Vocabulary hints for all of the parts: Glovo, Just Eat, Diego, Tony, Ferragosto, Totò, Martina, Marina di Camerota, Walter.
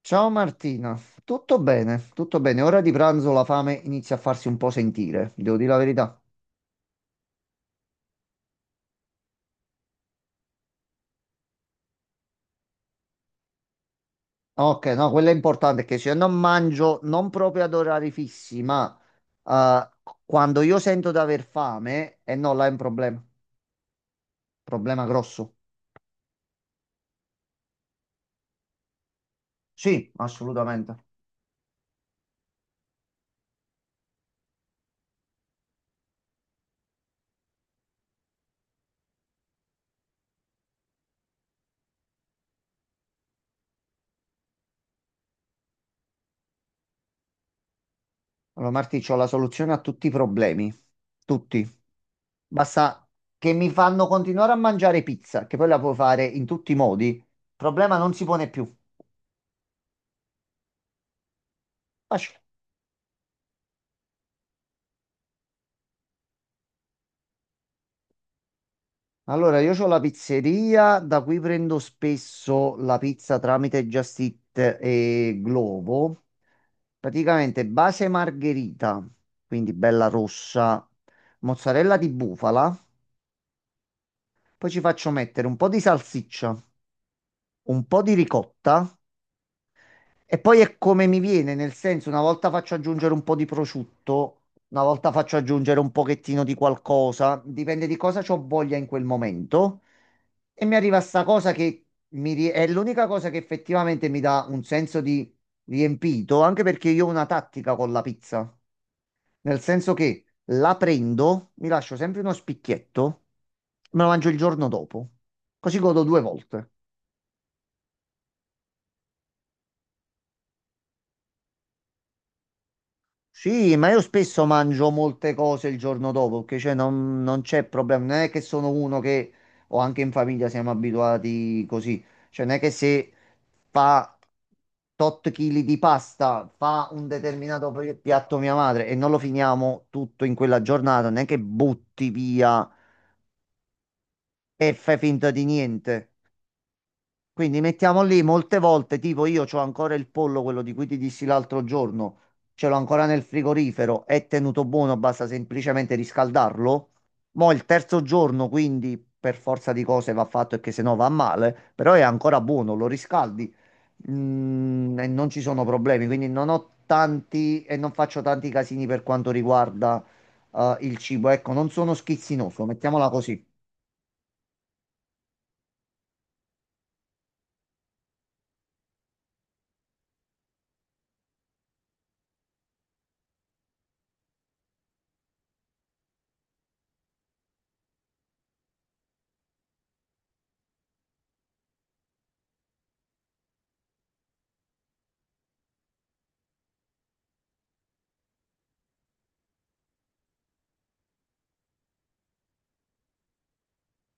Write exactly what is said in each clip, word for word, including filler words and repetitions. Ciao Martina, tutto bene, tutto bene. Ora di pranzo la fame inizia a farsi un po' sentire, vi devo dire la verità. Ok, no, quello è importante, che se io non mangio, non proprio ad orari fissi, ma eh, quando io sento di aver fame, e no, là è un problema, problema grosso. Sì, assolutamente. Allora Marti, c'ho la soluzione a tutti i problemi, tutti. Basta che mi fanno continuare a mangiare pizza, che poi la puoi fare in tutti i modi, il problema non si pone più. Facile. Allora, io ho la pizzeria da cui prendo spesso la pizza tramite Just Eat e Glovo. Praticamente base margherita, quindi bella rossa, mozzarella di bufala, poi ci faccio mettere un po' di salsiccia, un po' di ricotta. E poi è come mi viene, nel senso, una volta faccio aggiungere un po' di prosciutto, una volta faccio aggiungere un pochettino di qualcosa, dipende di cosa ho voglia in quel momento. E mi arriva sta cosa che mi rie- è l'unica cosa che effettivamente mi dà un senso di riempito, anche perché io ho una tattica con la pizza, nel senso che la prendo, mi lascio sempre uno spicchietto, me lo mangio il giorno dopo, così godo due volte. Sì, ma io spesso mangio molte cose il giorno dopo, perché cioè non, non c'è problema, non è che sono uno che, o anche in famiglia siamo abituati così, cioè non è che se fa tot chili di pasta, fa un determinato pi- piatto mia madre e non lo finiamo tutto in quella giornata, non è che butti via e fai finta di niente. Quindi mettiamo lì molte volte, tipo io ho ancora il pollo, quello di cui ti dissi l'altro giorno, ce l'ho ancora nel frigorifero, è tenuto buono, basta semplicemente riscaldarlo. Mo' il terzo giorno, quindi per forza di cose va fatto e che se no va male, però è ancora buono, lo riscaldi, mm, e non ci sono problemi, quindi non ho tanti e non faccio tanti casini per quanto riguarda, eh, il cibo. Ecco, non sono schizzinoso, mettiamola così.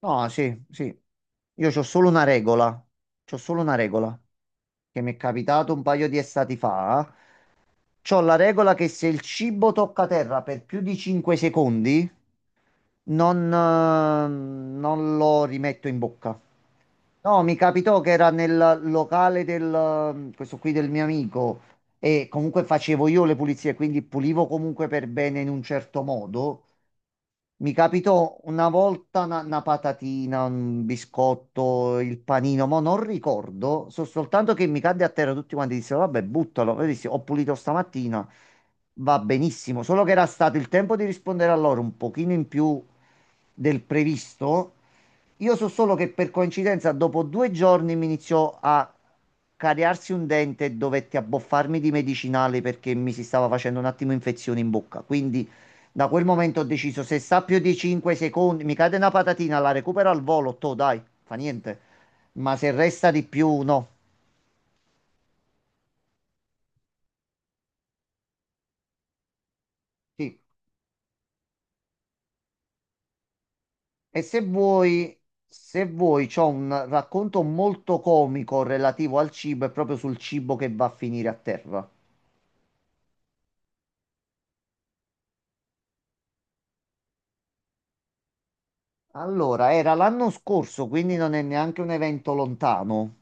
No, sì, sì. Io c'ho solo una regola. C'ho solo una regola che mi è capitato un paio di estati fa. C'ho la regola che se il cibo tocca terra per più di cinque secondi, non, eh, non lo rimetto in bocca. No, mi capitò che era nel locale del, eh, questo qui del mio amico e comunque facevo io le pulizie, quindi pulivo comunque per bene in un certo modo. Mi capitò una volta una, una patatina, un biscotto, il panino, ma non ricordo, so soltanto che mi cadde a terra. Tutti quanti dissero, vabbè, buttalo. Io dissi, ho pulito stamattina, va benissimo, solo che era stato il tempo di rispondere a loro un pochino in più del previsto. Io so solo che per coincidenza dopo due giorni mi iniziò a cariarsi un dente e dovetti abboffarmi di medicinali perché mi si stava facendo un attimo infezione in bocca. Quindi da quel momento ho deciso, se sta più di cinque secondi, mi cade una patatina, la recupero al volo, to, dai, fa niente. Ma se resta di più, no. Sì. E se vuoi, se vuoi, c'ho un racconto molto comico relativo al cibo e proprio sul cibo che va a finire a terra. Allora, era l'anno scorso, quindi non è neanche un evento lontano.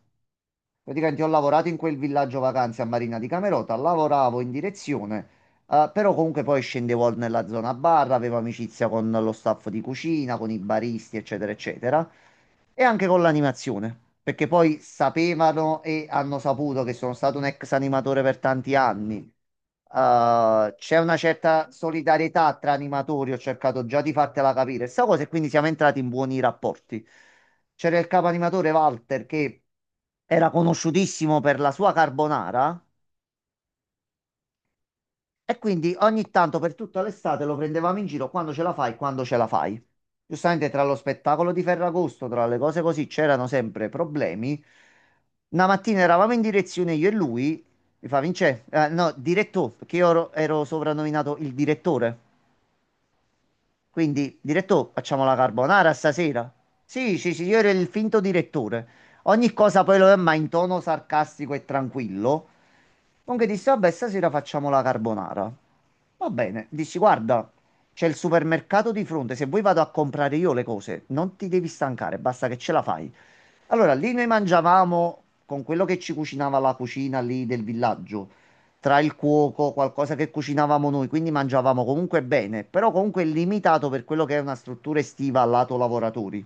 Praticamente ho lavorato in quel villaggio vacanze a Marina di Camerota, lavoravo in direzione, eh, però comunque poi scendevo nella zona bar, avevo amicizia con lo staff di cucina, con i baristi, eccetera, eccetera. E anche con l'animazione, perché poi sapevano e hanno saputo che sono stato un ex animatore per tanti anni. Uh, c'è una certa solidarietà tra animatori, ho cercato già di fartela capire sta cosa, e quindi siamo entrati in buoni rapporti. C'era il capo animatore Walter che era conosciutissimo per la sua carbonara, e quindi ogni tanto per tutta l'estate lo prendevamo in giro: quando ce la fai, quando ce la fai. Giustamente tra lo spettacolo di Ferragosto, tra le cose così, c'erano sempre problemi. Una mattina eravamo in direzione io e lui, mi fa: Vince, eh, no, direttore, perché io ero, ero soprannominato il direttore. Quindi, direttore, facciamo la carbonara stasera. Sì, sì, sì, io ero il finto direttore. Ogni cosa poi lo è, ma in tono sarcastico e tranquillo. Comunque dissi, vabbè, stasera facciamo la carbonara. Va bene, dici, guarda, c'è il supermercato di fronte, se vuoi vado a comprare io le cose, non ti devi stancare, basta che ce la fai. Allora, lì noi mangiavamo con quello che ci cucinava la cucina lì del villaggio, tra il cuoco, qualcosa che cucinavamo noi, quindi mangiavamo comunque bene, però comunque limitato per quello che è una struttura estiva al lato lavoratori.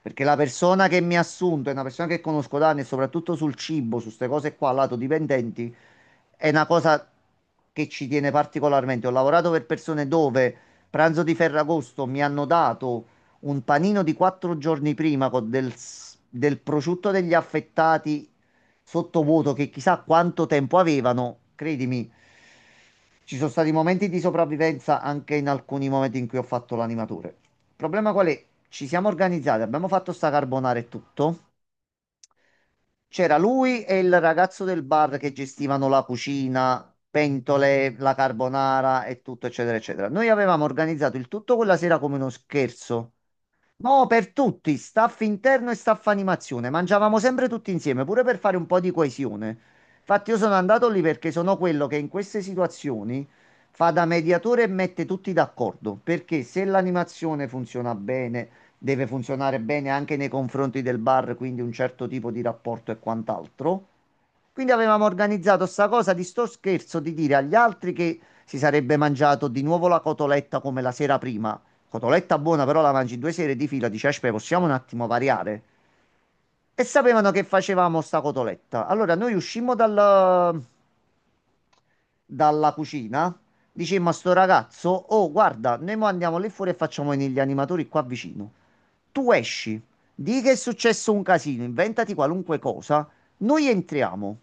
Perché la persona che mi ha assunto è una persona che conosco da anni e soprattutto sul cibo, su queste cose qua, al lato dipendenti, è una cosa che ci tiene particolarmente. Ho lavorato per persone dove pranzo di Ferragosto mi hanno dato un panino di quattro giorni prima, con del, s- del prosciutto degli affettati sottovuoto che chissà quanto tempo avevano. Credimi, ci sono stati momenti di sopravvivenza anche in alcuni momenti in cui ho fatto l'animatore. Il problema qual è? Ci siamo organizzati, abbiamo fatto sta carbonara e tutto. C'era lui e il ragazzo del bar che gestivano la cucina, pentole, la carbonara e tutto, eccetera, eccetera. Noi avevamo organizzato il tutto quella sera come uno scherzo. No, per tutti, staff interno e staff animazione. Mangiavamo sempre tutti insieme, pure per fare un po' di coesione. Infatti io sono andato lì perché sono quello che in queste situazioni fa da mediatore e mette tutti d'accordo, perché se l'animazione funziona bene, deve funzionare bene anche nei confronti del bar, quindi un certo tipo di rapporto e quant'altro. Quindi avevamo organizzato sta cosa di sto scherzo di dire agli altri che si sarebbe mangiato di nuovo la cotoletta come la sera prima. Cotoletta buona, però la mangi in due sere di fila, dici, aspetta, possiamo un attimo variare? E sapevano che facevamo sta cotoletta. Allora noi uscimmo dal- dalla cucina, dicemmo a sto ragazzo: oh guarda, noi mo andiamo lì fuori e facciamo venire gli animatori qua vicino. Tu esci, di che è successo un casino, inventati qualunque cosa, noi entriamo,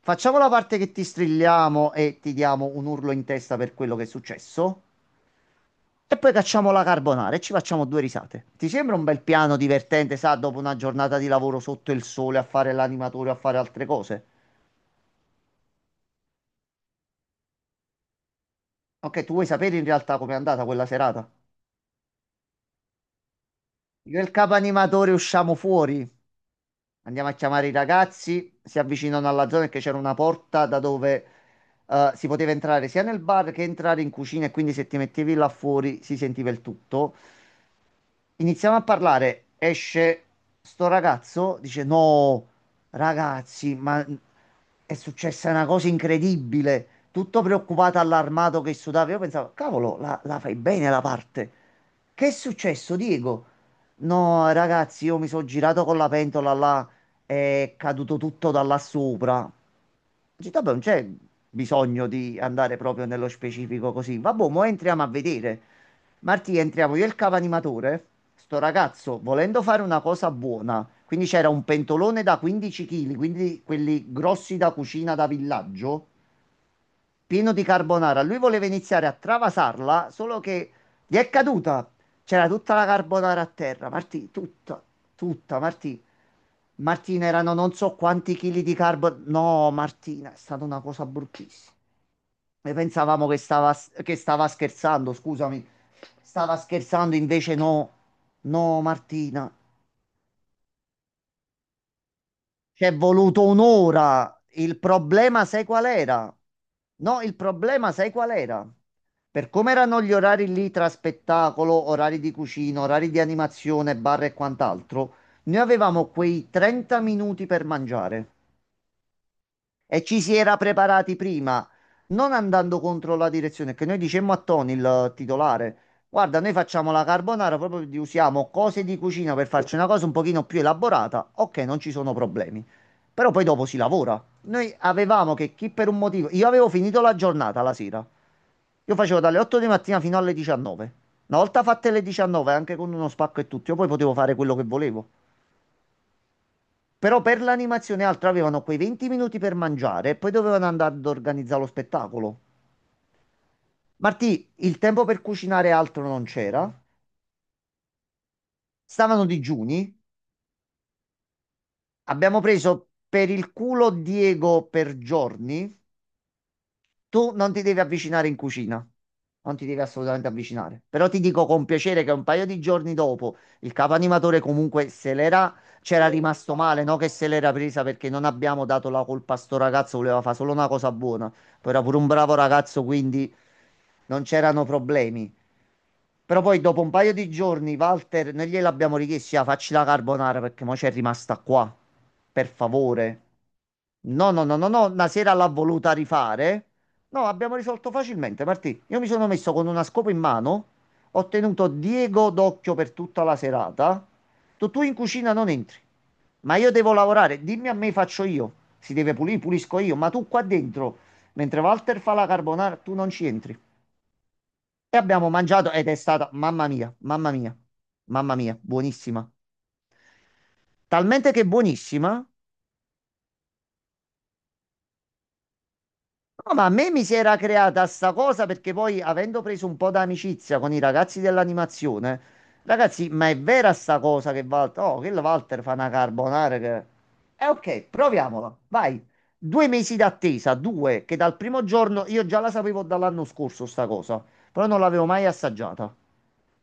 facciamo la parte che ti strilliamo e ti diamo un urlo in testa per quello che è successo. E poi cacciamo la carbonara e ci facciamo due risate. Ti sembra un bel piano divertente, sa, dopo una giornata di lavoro sotto il sole a fare l'animatore, a fare altre cose? Ok, tu vuoi sapere in realtà com'è andata quella serata? Io e il capo animatore usciamo fuori, andiamo a chiamare i ragazzi, si avvicinano alla zona che c'era una porta da dove eh, si poteva entrare sia nel bar che entrare in cucina, e quindi se ti mettevi là fuori si sentiva il tutto. Iniziamo a parlare. Esce sto ragazzo, dice: No, ragazzi, ma è successa una cosa incredibile. Tutto preoccupato, allarmato, che sudava. Io pensavo: cavolo, la, la fai bene la parte. Che è successo, Diego? No, ragazzi, io mi sono girato con la pentola là. È caduto tutto da là sopra. Ho detto: vabbè, non c'è bisogno di andare proprio nello specifico così. Vabbè, mo entriamo a vedere. Martì, entriamo io e il capo animatore. Sto ragazzo, volendo fare una cosa buona, quindi c'era un pentolone da quindici chili, quindi quelli grossi da cucina da villaggio, pieno di carbonara. Lui voleva iniziare a travasarla, solo che gli è caduta. C'era tutta la carbonara a terra, Martì, tutta, tutta, Martì. Martina, erano non so quanti chili di carbonara. No, Martina, è stata una cosa bruttissima. Noi pensavamo che stava, che stava scherzando, scusami. Stava scherzando, invece no. No, Martina. Ci è voluto un'ora. Il problema, sai qual era? No, il problema, sai qual era? Per come erano gli orari lì tra spettacolo, orari di cucina, orari di animazione, bar e quant'altro, noi avevamo quei trenta minuti per mangiare e ci si era preparati prima, non andando contro la direzione, che noi dicemmo a Tony, il titolare: guarda, noi facciamo la carbonara, proprio di- usiamo cose di cucina per farci una cosa un pochino più elaborata, ok, non ci sono problemi. Però poi dopo si lavora. Noi avevamo che chi per un motivo, io avevo finito la giornata la sera, io facevo dalle otto di mattina fino alle diciannove. Una volta fatte le diciannove, anche con uno spacco e tutto, io poi potevo fare quello che volevo. Però per l'animazione e altro avevano quei venti minuti per mangiare e poi dovevano andare ad organizzare lo spettacolo. Martì, il tempo per cucinare e altro non c'era. Stavano digiuni. Abbiamo preso per il culo Diego per giorni. Tu non ti devi avvicinare in cucina, non ti devi assolutamente avvicinare. Però ti dico con piacere che un paio di giorni dopo il capo animatore comunque se l'era, c'era rimasto male, no? Che se l'era presa perché non abbiamo dato la colpa a sto ragazzo, voleva fare solo una cosa buona. Poi era pure un bravo ragazzo, quindi non c'erano problemi. Però poi dopo un paio di giorni, Walter, noi gliel'abbiamo richiesto: ah, facci la carbonara perché mo c'è rimasta qua, per favore. No, no, no, no, no, una sera l'ha voluta rifare. No, abbiamo risolto facilmente, Martì. Io mi sono messo con una scopa in mano, ho tenuto Diego d'occhio per tutta la serata. Tu, tu in cucina non entri, ma io devo lavorare. Dimmi a me, faccio io. Si deve pulire, pulisco io, ma tu qua dentro, mentre Walter fa la carbonara, tu non ci entri. E abbiamo mangiato ed è stata, mamma mia, mamma mia, mamma mia, buonissima. Talmente che buonissima. No, ma a me mi si era creata sta cosa perché poi avendo preso un po' d'amicizia con i ragazzi dell'animazione, ragazzi, ma è vera sta cosa che Walter, oh, che il Walter fa una carbonara che... Eh ok, proviamola, vai. Due mesi d'attesa, due, che dal primo giorno io già la sapevo dall'anno scorso sta cosa, però non l'avevo mai assaggiata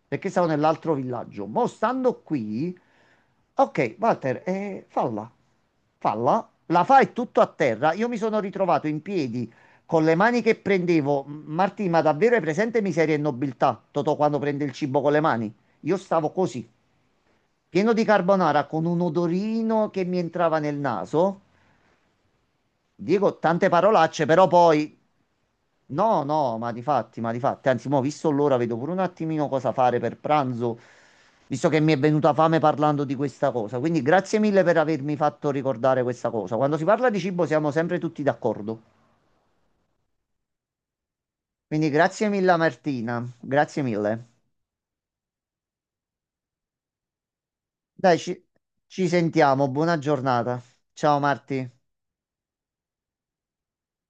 perché stavo nell'altro villaggio. Mo' stando qui, ok, Walter, eh, falla. Falla, la fa e tutto a terra. Io mi sono ritrovato in piedi con le mani che prendevo. Martì, ma davvero hai presente Miseria e nobiltà? Totò quando prende il cibo con le mani. Io stavo così, pieno di carbonara, con un odorino che mi entrava nel naso. Dico tante parolacce, però poi... No, no, ma di fatti, ma di fatti. Anzi, mo, visto l'ora, vedo pure un attimino cosa fare per pranzo, visto che mi è venuta fame parlando di questa cosa. Quindi grazie mille per avermi fatto ricordare questa cosa. Quando si parla di cibo siamo sempre tutti d'accordo. Quindi grazie mille a Martina, grazie mille. Dai, ci, ci sentiamo, buona giornata. Ciao Marti.